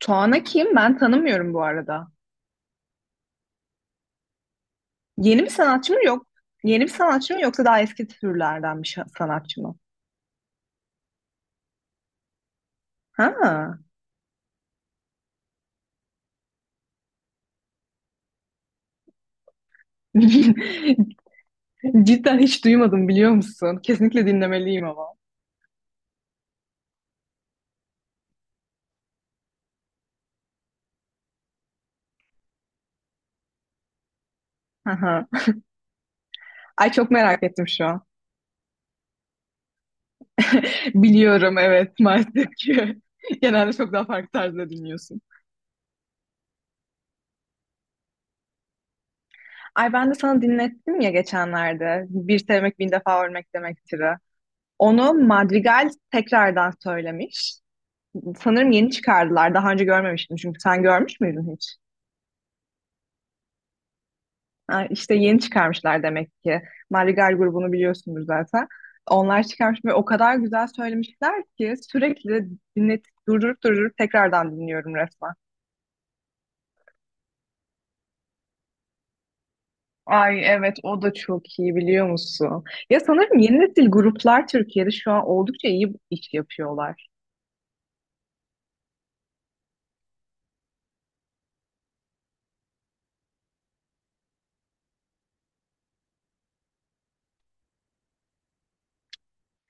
Tuana kim? Ben tanımıyorum bu arada. Yeni bir sanatçı mı yok? Yeni bir sanatçı mı yoksa daha eski türlerden bir sanatçı mı? Ha. Cidden hiç duymadım biliyor musun? Kesinlikle dinlemeliyim ama. Aha. Ay çok merak ettim şu an. Biliyorum, evet, maalesef ki. Genelde çok daha farklı tarzda dinliyorsun. Ay ben de sana dinlettim ya geçenlerde. Bir sevmek bin defa ölmek demektir'i. Onu Madrigal tekrardan söylemiş. Sanırım yeni çıkardılar. Daha önce görmemiştim, çünkü sen görmüş müydün hiç? Ha, işte yeni çıkarmışlar demek ki. Madrigal grubunu biliyorsunuz zaten. Onlar çıkarmış ve o kadar güzel söylemişler ki sürekli dinlet, durdurup durdurup tekrardan dinliyorum resmen. Ay evet, o da çok iyi, biliyor musun? Ya sanırım yeni nesil gruplar Türkiye'de şu an oldukça iyi iş yapıyorlar.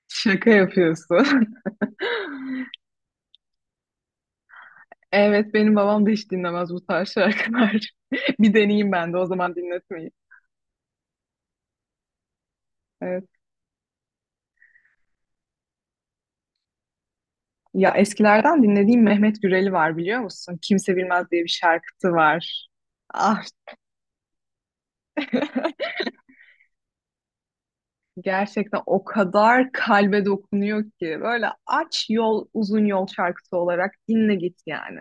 Şaka yapıyorsun. Evet, benim babam da hiç dinlemez bu tarz şarkılar. Bir deneyeyim ben de o zaman dinletmeyi. Evet. Ya eskilerden dinlediğim Mehmet Güreli var, biliyor musun? Kimse Bilmez diye bir şarkısı var. Ah, gerçekten o kadar kalbe dokunuyor ki. Böyle aç, yol, uzun yol şarkısı olarak dinle git yani.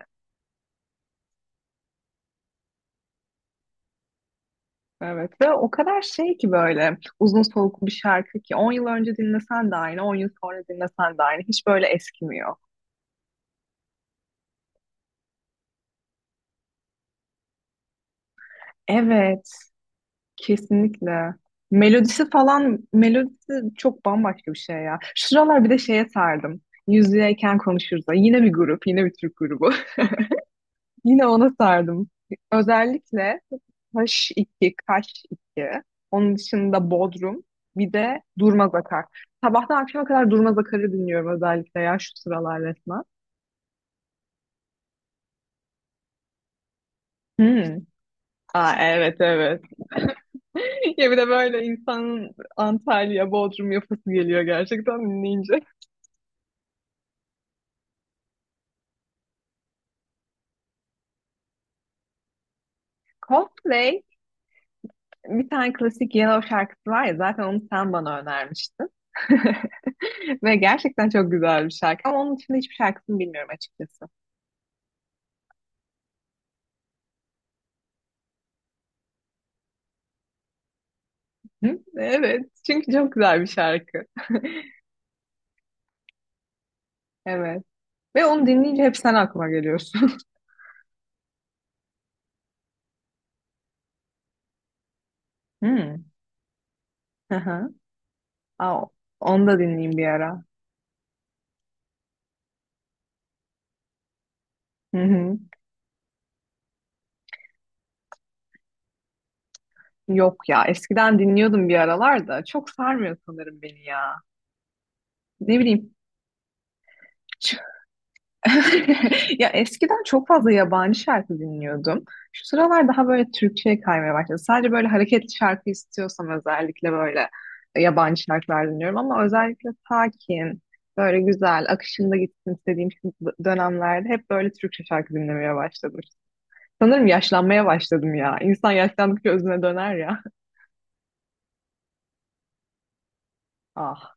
Evet ve o kadar şey ki, böyle uzun soluklu bir şarkı ki 10 yıl önce dinlesen de aynı, 10 yıl sonra dinlesen de aynı, hiç böyle eskimiyor. Evet. Kesinlikle. Melodisi falan, melodisi çok bambaşka bir şey ya. Şu sıralar bir de şeye sardım. Yüzlüyken konuşuruz. Yine bir grup, yine bir Türk grubu. Yine ona sardım. Özellikle kaş iki, kaş iki. Onun dışında Bodrum. Bir de Durmaz Akar. Sabahtan akşama kadar Durmaz Akar'ı dinliyorum özellikle ya, şu sıralar resmen. Hmm. Aa, evet evet. Ya bir de böyle insanın Antalya, Bodrum yapısı geliyor gerçekten dinleyince. Coldplay. Bir tane klasik Yellow şarkısı var ya, zaten onu sen bana önermiştin. Ve gerçekten çok güzel bir şarkı. Ama onun dışında hiçbir şarkısını bilmiyorum açıkçası. Hı? Evet. Çünkü çok güzel bir şarkı. Evet. Ve onu dinleyince hep sen aklıma geliyorsun. Hmm. Hı hı. Aa, onu da dinleyeyim bir ara. Hı hı. Yok ya. Eskiden dinliyordum bir aralar da. Çok sarmıyor sanırım beni ya. Ne bileyim. Ya eskiden çok fazla yabancı şarkı dinliyordum. Şu sıralar daha böyle Türkçe'ye kaymaya başladı. Sadece böyle hareketli şarkı istiyorsam özellikle böyle yabancı şarkılar dinliyorum, ama özellikle sakin, böyle güzel, akışında gitsin istediğim dönemlerde hep böyle Türkçe şarkı dinlemeye başladım. Sanırım yaşlanmaya başladım ya. İnsan yaşlandıkça özüne döner ya. Ah,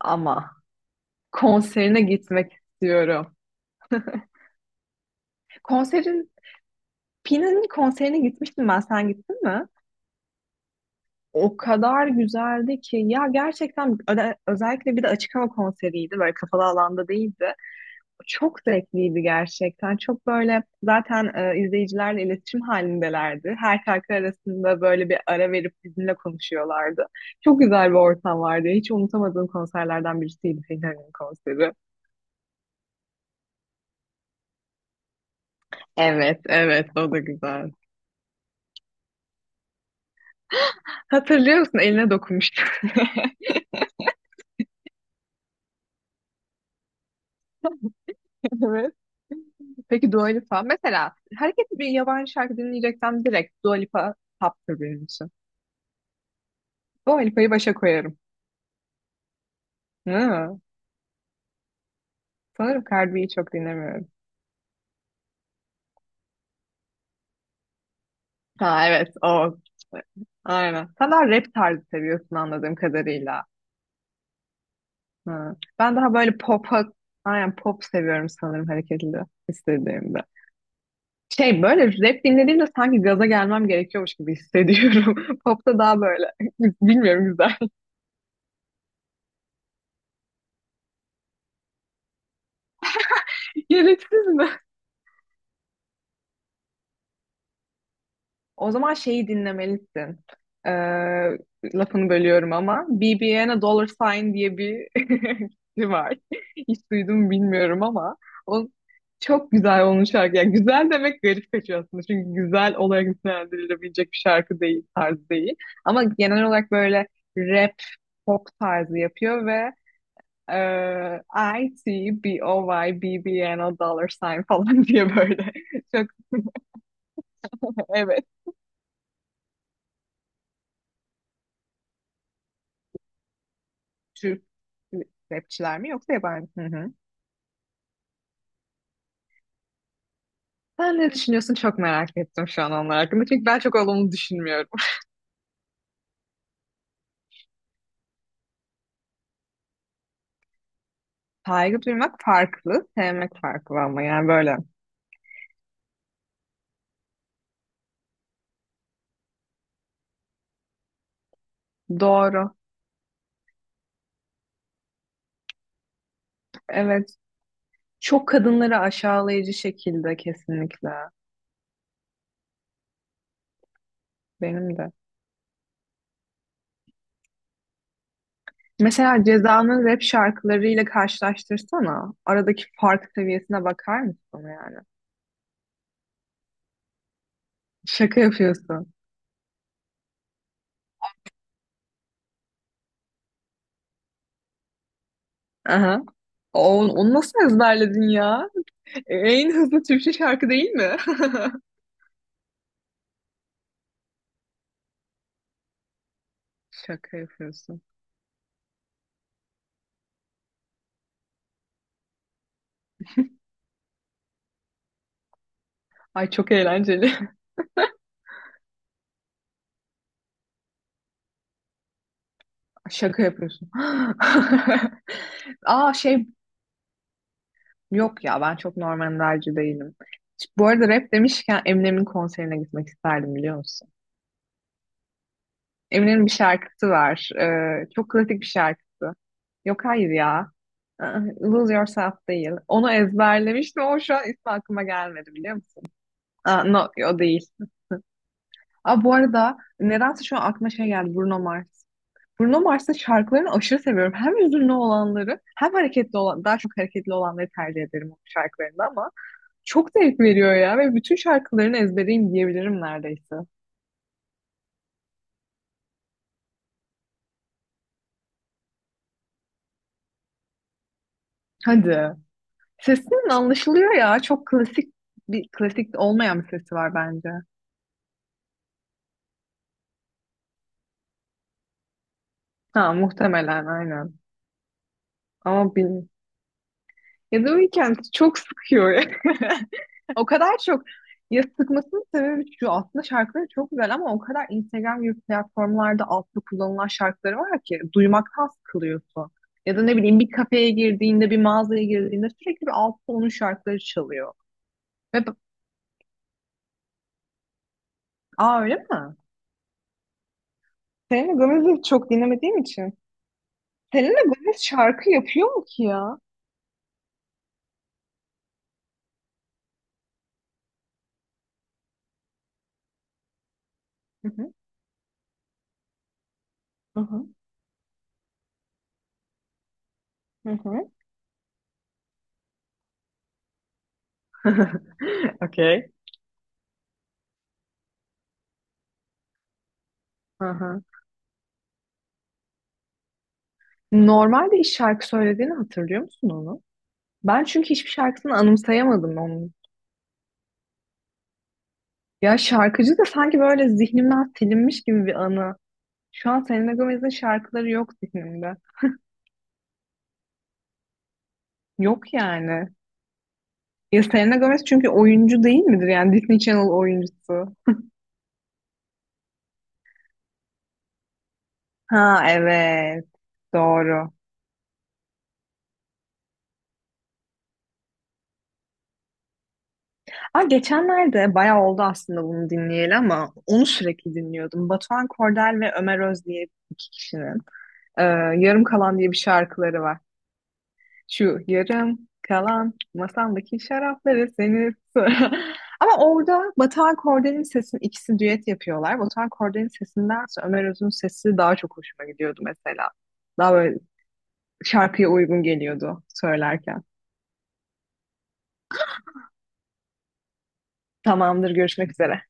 ama konserine gitmek istiyorum. Konserin, Pin'in konserine gitmiştim ben. Sen gittin mi? O kadar güzeldi ki ya, gerçekten özellikle bir de açık hava konseriydi, böyle kapalı alanda değildi. Çok zevkliydi gerçekten. Çok böyle zaten izleyicilerle iletişim halindelerdi. Her şarkı arasında böyle bir ara verip bizimle konuşuyorlardı. Çok güzel bir ortam vardı. Hiç unutamadığım konserlerden birisiydi Fener'in konseri. Evet, evet, o da güzel. Hatırlıyor musun? Eline dokunmuştu. Evet. Peki Dua Lipa. Mesela hareketli bir yabancı şarkı dinleyeceksem direkt Dua Lipa taptır benim için. Dua Lipa'yı başa koyarım. Hı. Sanırım Cardi B'yi çok dinlemiyorum. Ha evet, o. Aynen. Sen daha rap tarzı seviyorsun anladığım kadarıyla. Hı. Ben daha böyle pop'a, aynen pop seviyorum sanırım hareketli istediğimde. Şey, böyle rap dinlediğimde sanki gaza gelmem gerekiyormuş gibi hissediyorum. Pop'ta daha böyle, bilmiyorum, güzel. Gereksiz mi? O zaman şeyi dinlemelisin. Ee, Lafını bölüyorum ama. BBN Dollar Sign diye bir kişi var. Hiç duydum mu bilmiyorum ama. O çok güzel onun şarkı. Yani güzel demek garip kaçıyor aslında. Çünkü güzel olarak nitelendirilebilecek bir şarkı değil, tarz değil. Ama genel olarak böyle rap, pop tarzı yapıyor ve I-T-B-O-Y, B O Y B B N o dollar sign falan diye böyle. Çok evet. Türk rapçiler mi yoksa yabancı? Hı hı. Sen ne düşünüyorsun? Çok merak ettim şu an onlar hakkında. Çünkü ben çok olumlu düşünmüyorum. Saygı duymak farklı, sevmek farklı, ama yani böyle. Doğru. Evet. Çok kadınları aşağılayıcı şekilde, kesinlikle. Benim de. Mesela Ceza'nın rap şarkılarıyla karşılaştırsana. Aradaki fark seviyesine bakar mısın yani? Şaka yapıyorsun. Aha. O, onu nasıl ezberledin ya? En hızlı Türkçe şarkı değil mi? Şaka yapıyorsun. Ay çok eğlenceli. Şaka yapıyorsun. Aa şey, yok ya, ben çok Norman Ender'ci değilim. Bu arada rap demişken Eminem'in konserine gitmek isterdim, biliyor musun? Eminem'in bir şarkısı var. Çok klasik bir şarkısı. Yok, hayır ya. Aa, Lose Yourself değil. Onu ezberlemiştim ama şu an ismi aklıma gelmedi, biliyor musun? Aa, no, o değil. Aa, bu arada nedense şu an aklıma şey geldi, Bruno Mars. Bruno Mars'ın şarkılarını aşırı seviyorum. Hem hüzünlü olanları hem hareketli olan, daha çok hareketli olanları tercih ederim onun şarkılarında, ama çok zevk veriyor ya, ve bütün şarkılarını ezbereyim diyebilirim neredeyse. Hadi. Sesinin anlaşılıyor ya. Çok klasik bir, klasik olmayan bir sesi var bence. Ha, muhtemelen aynen. Ama bin... Ya da Weeknd çok sıkıyor ya. O kadar çok, ya sıkmasının sebebi şu, aslında şarkıları çok güzel ama o kadar Instagram gibi platformlarda altta kullanılan şarkıları var ki duymaktan sıkılıyorsun. Ya da ne bileyim, bir kafeye girdiğinde, bir mağazaya girdiğinde sürekli bir altta onun şarkıları çalıyor. Ve b- Aa, öyle mi? Selena Gomez'i çok dinlemediğim için. Selena Gomez şarkı yapıyor mu ki ya? Hı hı, hı hı, hı hı. Okay. Hı hı. Normalde hiç şarkı söylediğini hatırlıyor musun onu? Ben çünkü hiçbir şarkısını anımsayamadım onun. Ya şarkıcı da sanki böyle zihnimden silinmiş gibi bir anı. Şu an Selena Gomez'in şarkıları yok zihnimde. Yok yani. Ya Selena Gomez çünkü oyuncu değil midir? Yani Disney Channel oyuncusu. Ha evet. Doğru. Aa, geçenlerde bayağı oldu aslında bunu dinleyeli, ama onu sürekli dinliyordum. Batuhan Kordel ve Ömer Öz diye iki kişinin. e, Yarım Kalan diye bir şarkıları var. Şu yarım kalan masamdaki şarapları senin Ama orada Batuhan Korde'nin sesini ikisi düet yapıyorlar. Batuhan Korde'nin sesindense Ömer Öz'ün sesi daha çok hoşuma gidiyordu mesela. Daha böyle şarkıya uygun geliyordu söylerken. Tamamdır, görüşmek üzere.